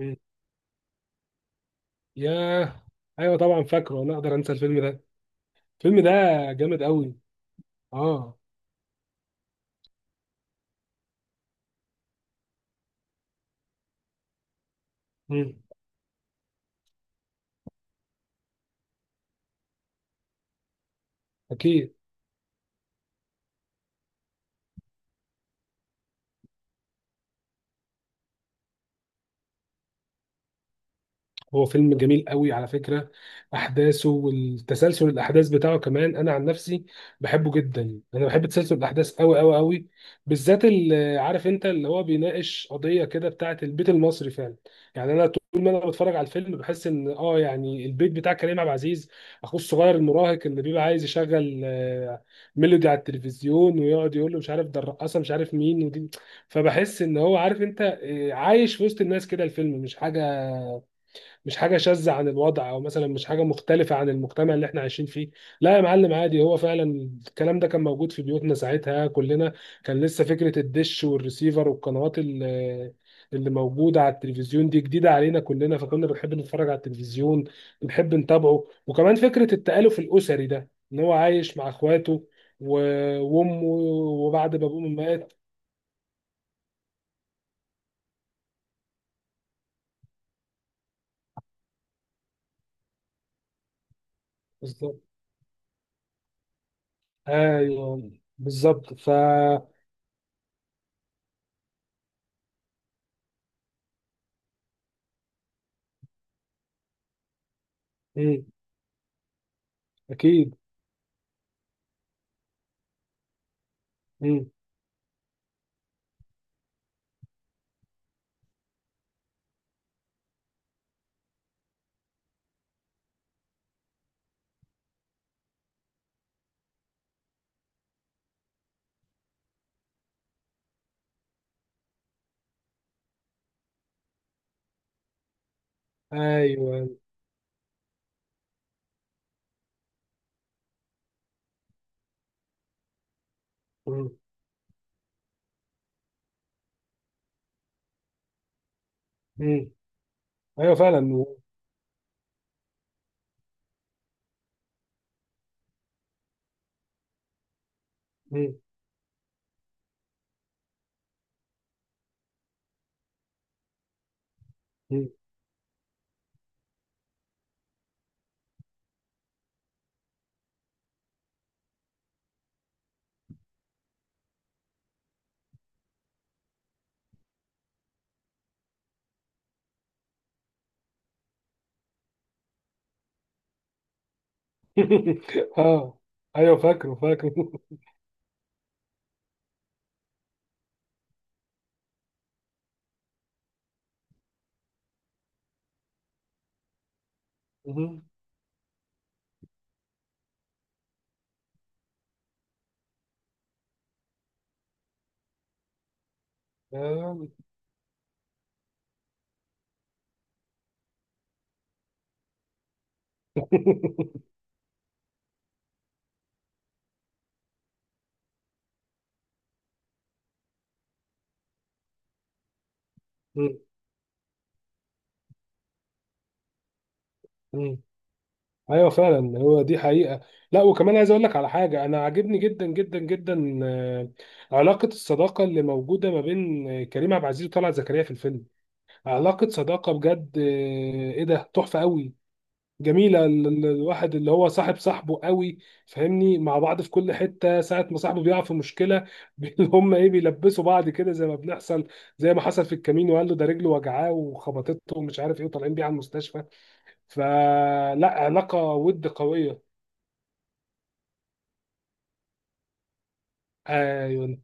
مم. ياه. ايوه، طبعا فاكره، انا اقدر انسى الفيلم ده؟ الفيلم ده جامد قوي. اه. مم. اكيد. هو فيلم جميل قوي على فكرة. أحداثه والتسلسل الأحداث بتاعه، كمان أنا عن نفسي بحبه جدا. أنا بحب تسلسل الأحداث قوي قوي قوي، بالذات اللي عارف أنت اللي هو بيناقش قضية كده بتاعة البيت المصري فعلا. يعني أنا طول ما أنا بتفرج على الفيلم بحس إن يعني البيت بتاع كريم عبد العزيز، أخوه الصغير المراهق اللي بيبقى عايز يشغل ميلودي على التلفزيون، ويقعد يقول له مش عارف ده الرقاصة، مش عارف مين ودي. فبحس إن هو عارف أنت، عايش في وسط الناس كده، الفيلم مش حاجة مش حاجه شاذه عن الوضع، او مثلا مش حاجه مختلفه عن المجتمع اللي احنا عايشين فيه. لا يا معلم، عادي، هو فعلا الكلام ده كان موجود في بيوتنا ساعتها كلنا. كان لسه فكره الدش والريسيفر والقنوات اللي موجوده على التلفزيون دي جديده علينا كلنا، فكنا بنحب نتفرج على التلفزيون، بنحب نتابعه. وكمان فكره التآلف الاسري ده، ان هو عايش مع اخواته وامه وبعد ما ابوه مات. بالظبط. ايوه. بالظبط. مم. اكيد. مم. ايوه. مم. مم. ايوه فعلا. مم. مم. اه، ايوه، فاكره فاكره. مم. آه. مم. مم. ايوه فعلا، هو دي حقيقه. لا، وكمان عايز اقول لك على حاجه، انا عاجبني جدا جدا جدا علاقه الصداقه اللي موجوده ما بين كريم عبد العزيز وطلعت زكريا في الفيلم. علاقه صداقه بجد. ايه ده، تحفه قوي. جميلة الواحد اللي هو صاحب صاحبه قوي، فاهمني، مع بعض في كل حتة. ساعة ما صاحبه بيقع في مشكلة اللي هم ايه، بيلبسوا بعض كده زي ما بنحصل، زي ما حصل في الكمين وقال له ده رجله وجعاه وخبطته ومش عارف ايه وطالعين بيه على المستشفى. فلا، علاقة ود قوية. ايوه.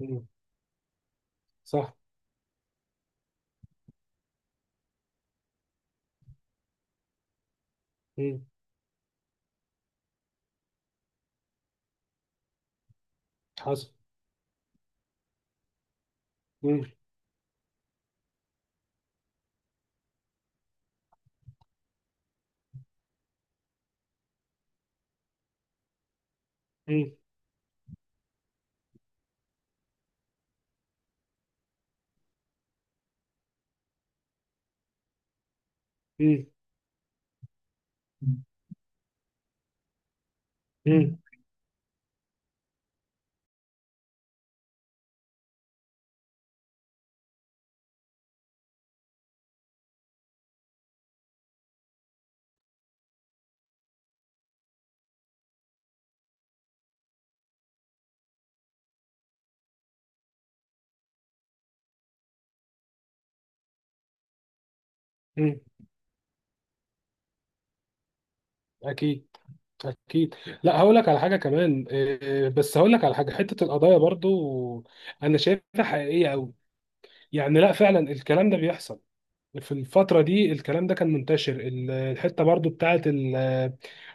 مم. صح. مم. حصل. مم. مم. مم. مم. مم. اكيد، اكيد. لا، هقول لك على حاجه كمان إيه، بس هقول لك على حاجه، حته القضايا برضو انا شايفها حقيقيه قوي. يعني لا، فعلا الكلام ده بيحصل. في الفترة دي الكلام ده كان منتشر، الحتة برضو بتاعت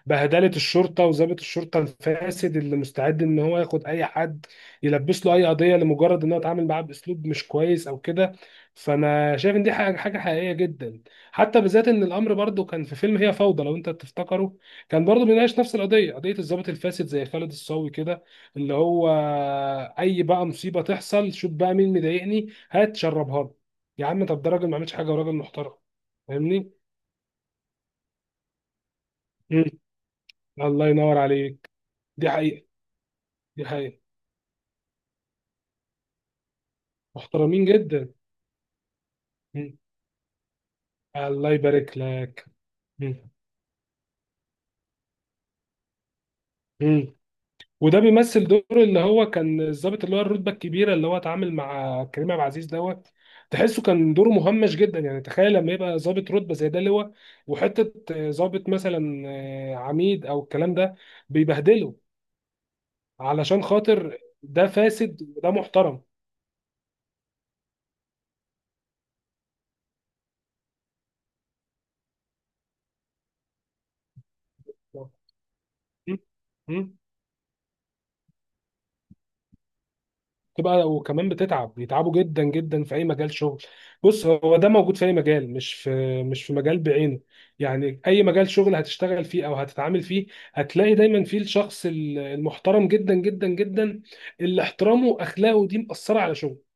بهدلة الشرطة، وضابط الشرطة الفاسد اللي مستعد ان هو ياخد اي حد يلبس له اي قضية لمجرد ان هو اتعامل معاه باسلوب مش كويس او كده. فانا شايف ان دي حاجة حقيقية جدا، حتى بالذات ان الامر برضو كان في فيلم هي فوضى لو انت تفتكره، كان برضو بيناقش نفس القضية، قضية الضابط الفاسد زي خالد الصاوي كده، اللي هو اي بقى مصيبة تحصل شوف بقى مين مضايقني هات شربها. يا عم طب ده راجل ما عملش حاجه وراجل محترم. فاهمني. مم. الله ينور عليك. دي حقيقه، دي حقيقه. محترمين جدا. مم. الله يبارك لك. مم. مم. وده بيمثل دور اللي هو كان الضابط اللي هو الرتبه الكبيره اللي هو اتعامل مع كريم عبد العزيز دوت. تحسه كان دوره مهمش جدا، يعني تخيل لما يبقى ضابط رتبه زي ده اللي هو وحته، ضابط مثلا عميد او الكلام ده، بيبهدله علشان خاطر ده فاسد وده محترم. مم. مم. تبقى وكمان بتتعب، بيتعبوا جدا جدا في اي مجال شغل. بص، هو ده موجود في اي مجال، مش في مجال بعينه. يعني اي مجال شغل هتشتغل فيه او هتتعامل فيه، هتلاقي دايما فيه الشخص المحترم جدا جدا جدا، اللي احترامه واخلاقه دي مأثرة على شغله،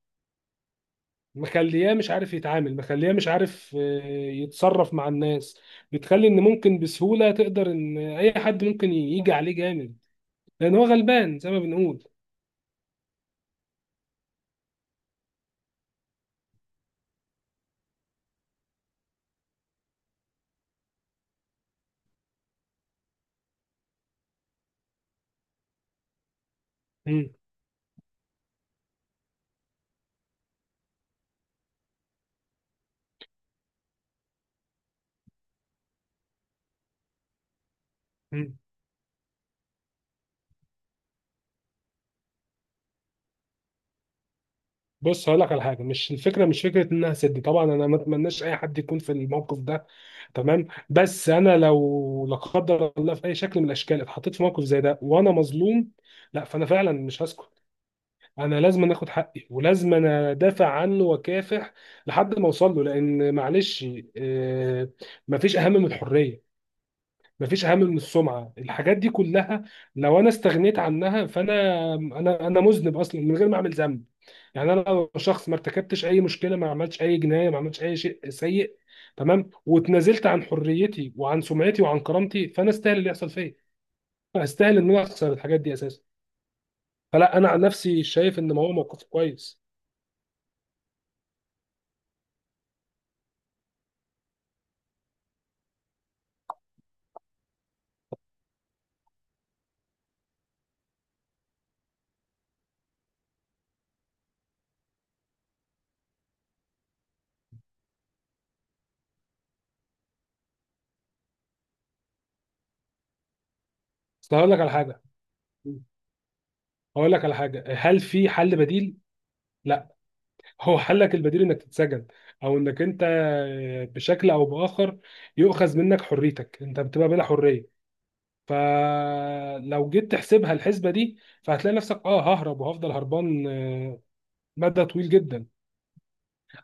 مخلياه مش عارف يتعامل، مخلياه مش عارف يتصرف مع الناس، بتخلي ان ممكن بسهولة تقدر ان اي حد ممكن يجي عليه جامد لان هو غلبان زي ما بنقول. مم. بص، هقول لك على حاجه، مش الفكره، مش فكره ان انا هسد. طبعا انا ما اتمناش اي حد يكون في الموقف ده، تمام؟ بس انا لو لا قدر الله في اي شكل من الاشكال اتحطيت في موقف زي ده وانا مظلوم، لا، فانا فعلا مش هسكت. انا لازم اخد حقي، ولازم انا ادافع عنه واكافح لحد ما اوصل له، لان معلش آه، مفيش اهم من الحريه، مفيش اهم من السمعه، الحاجات دي كلها لو انا استغنيت عنها فانا انا انا مذنب اصلا من غير ما اعمل ذنب. يعني انا لو شخص ما ارتكبتش اي مشكله، ما عملتش اي جنايه، ما عملتش اي شيء سيء، تمام، واتنازلت عن حريتي وعن سمعتي وعن كرامتي، فانا استاهل اللي يحصل فيا، استاهل ان انا اخسر الحاجات دي اساسا. فلا، انا عن نفسي شايف ان هو موقف كويس. بس هقول لك على حاجه، هقول لك على حاجه، هل في حل بديل؟ لا. هو حلك البديل انك تتسجن، او انك انت بشكل او باخر يؤخذ منك حريتك، انت بتبقى بلا حريه. فلو جيت تحسبها الحسبه دي، فهتلاقي نفسك، اه ههرب وهفضل هربان مدى طويل جدا.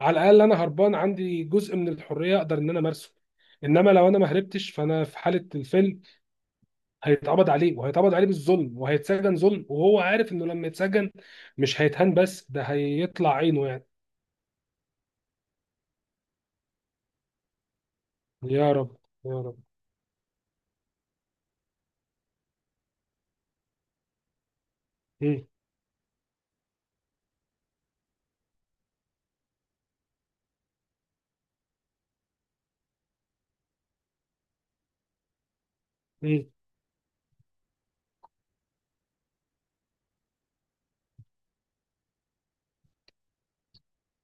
على الاقل انا هربان عندي جزء من الحريه اقدر ان انا امارسه. انما لو انا ما هربتش، فانا في حاله الفيلم هيتقبض عليه، وهيتقبض عليه بالظلم، وهيتسجن ظلم، وهو عارف انه لما يتسجن مش هيتهان بس ده هيطلع عينه يعني. يا رب. يا رب. مم. مم.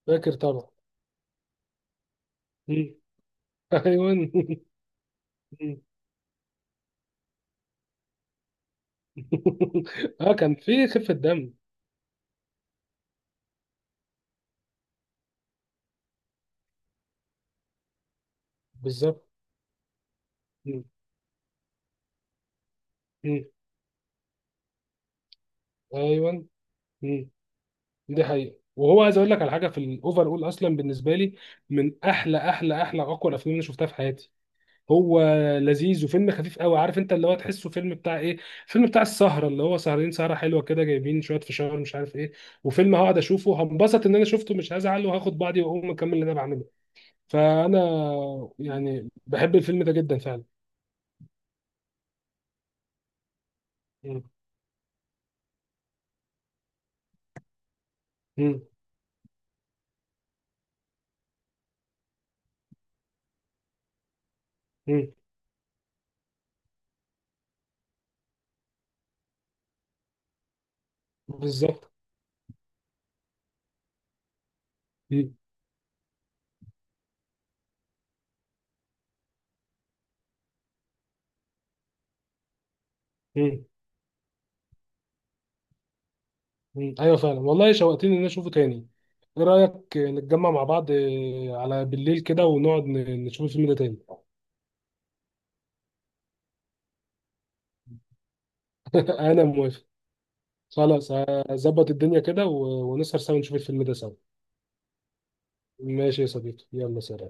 فاكر طبعا. مم. ايوه اه، كان في خفه دم. بالظبط. مم. مم. ايوه. مم. دي حقيقة. وهو عايز اقول لك على حاجة، في الاوفر اول اصلا بالنسبة لي، من احلى احلى احلى اقوى الافلام اللي شفتها في حياتي، هو لذيذ وفيلم خفيف قوي. عارف انت اللي هو تحسه فيلم بتاع ايه؟ فيلم بتاع السهرة، اللي هو سهرين سهرة حلوة كده، جايبين شوية فشار مش عارف ايه، وفيلم هقعد اشوفه هنبسط ان انا شفته، مش هزعل، وهاخد بعضي واقوم اكمل اللي انا بعمله. فانا يعني بحب الفيلم ده جدا فعلا. مم. مم. مم. بالظبط. مم. مم. مم. ايوه فعلا، والله شوقتني ان انا اشوفه تاني. ايه رايك نتجمع مع بعض على بالليل كده ونقعد نشوف الفيلم ده تاني؟ انا موافق. خلاص، هظبط الدنيا كده ونسهر سوا نشوف الفيلم ده سوا. ماشي يا صديقي، يلا سلام.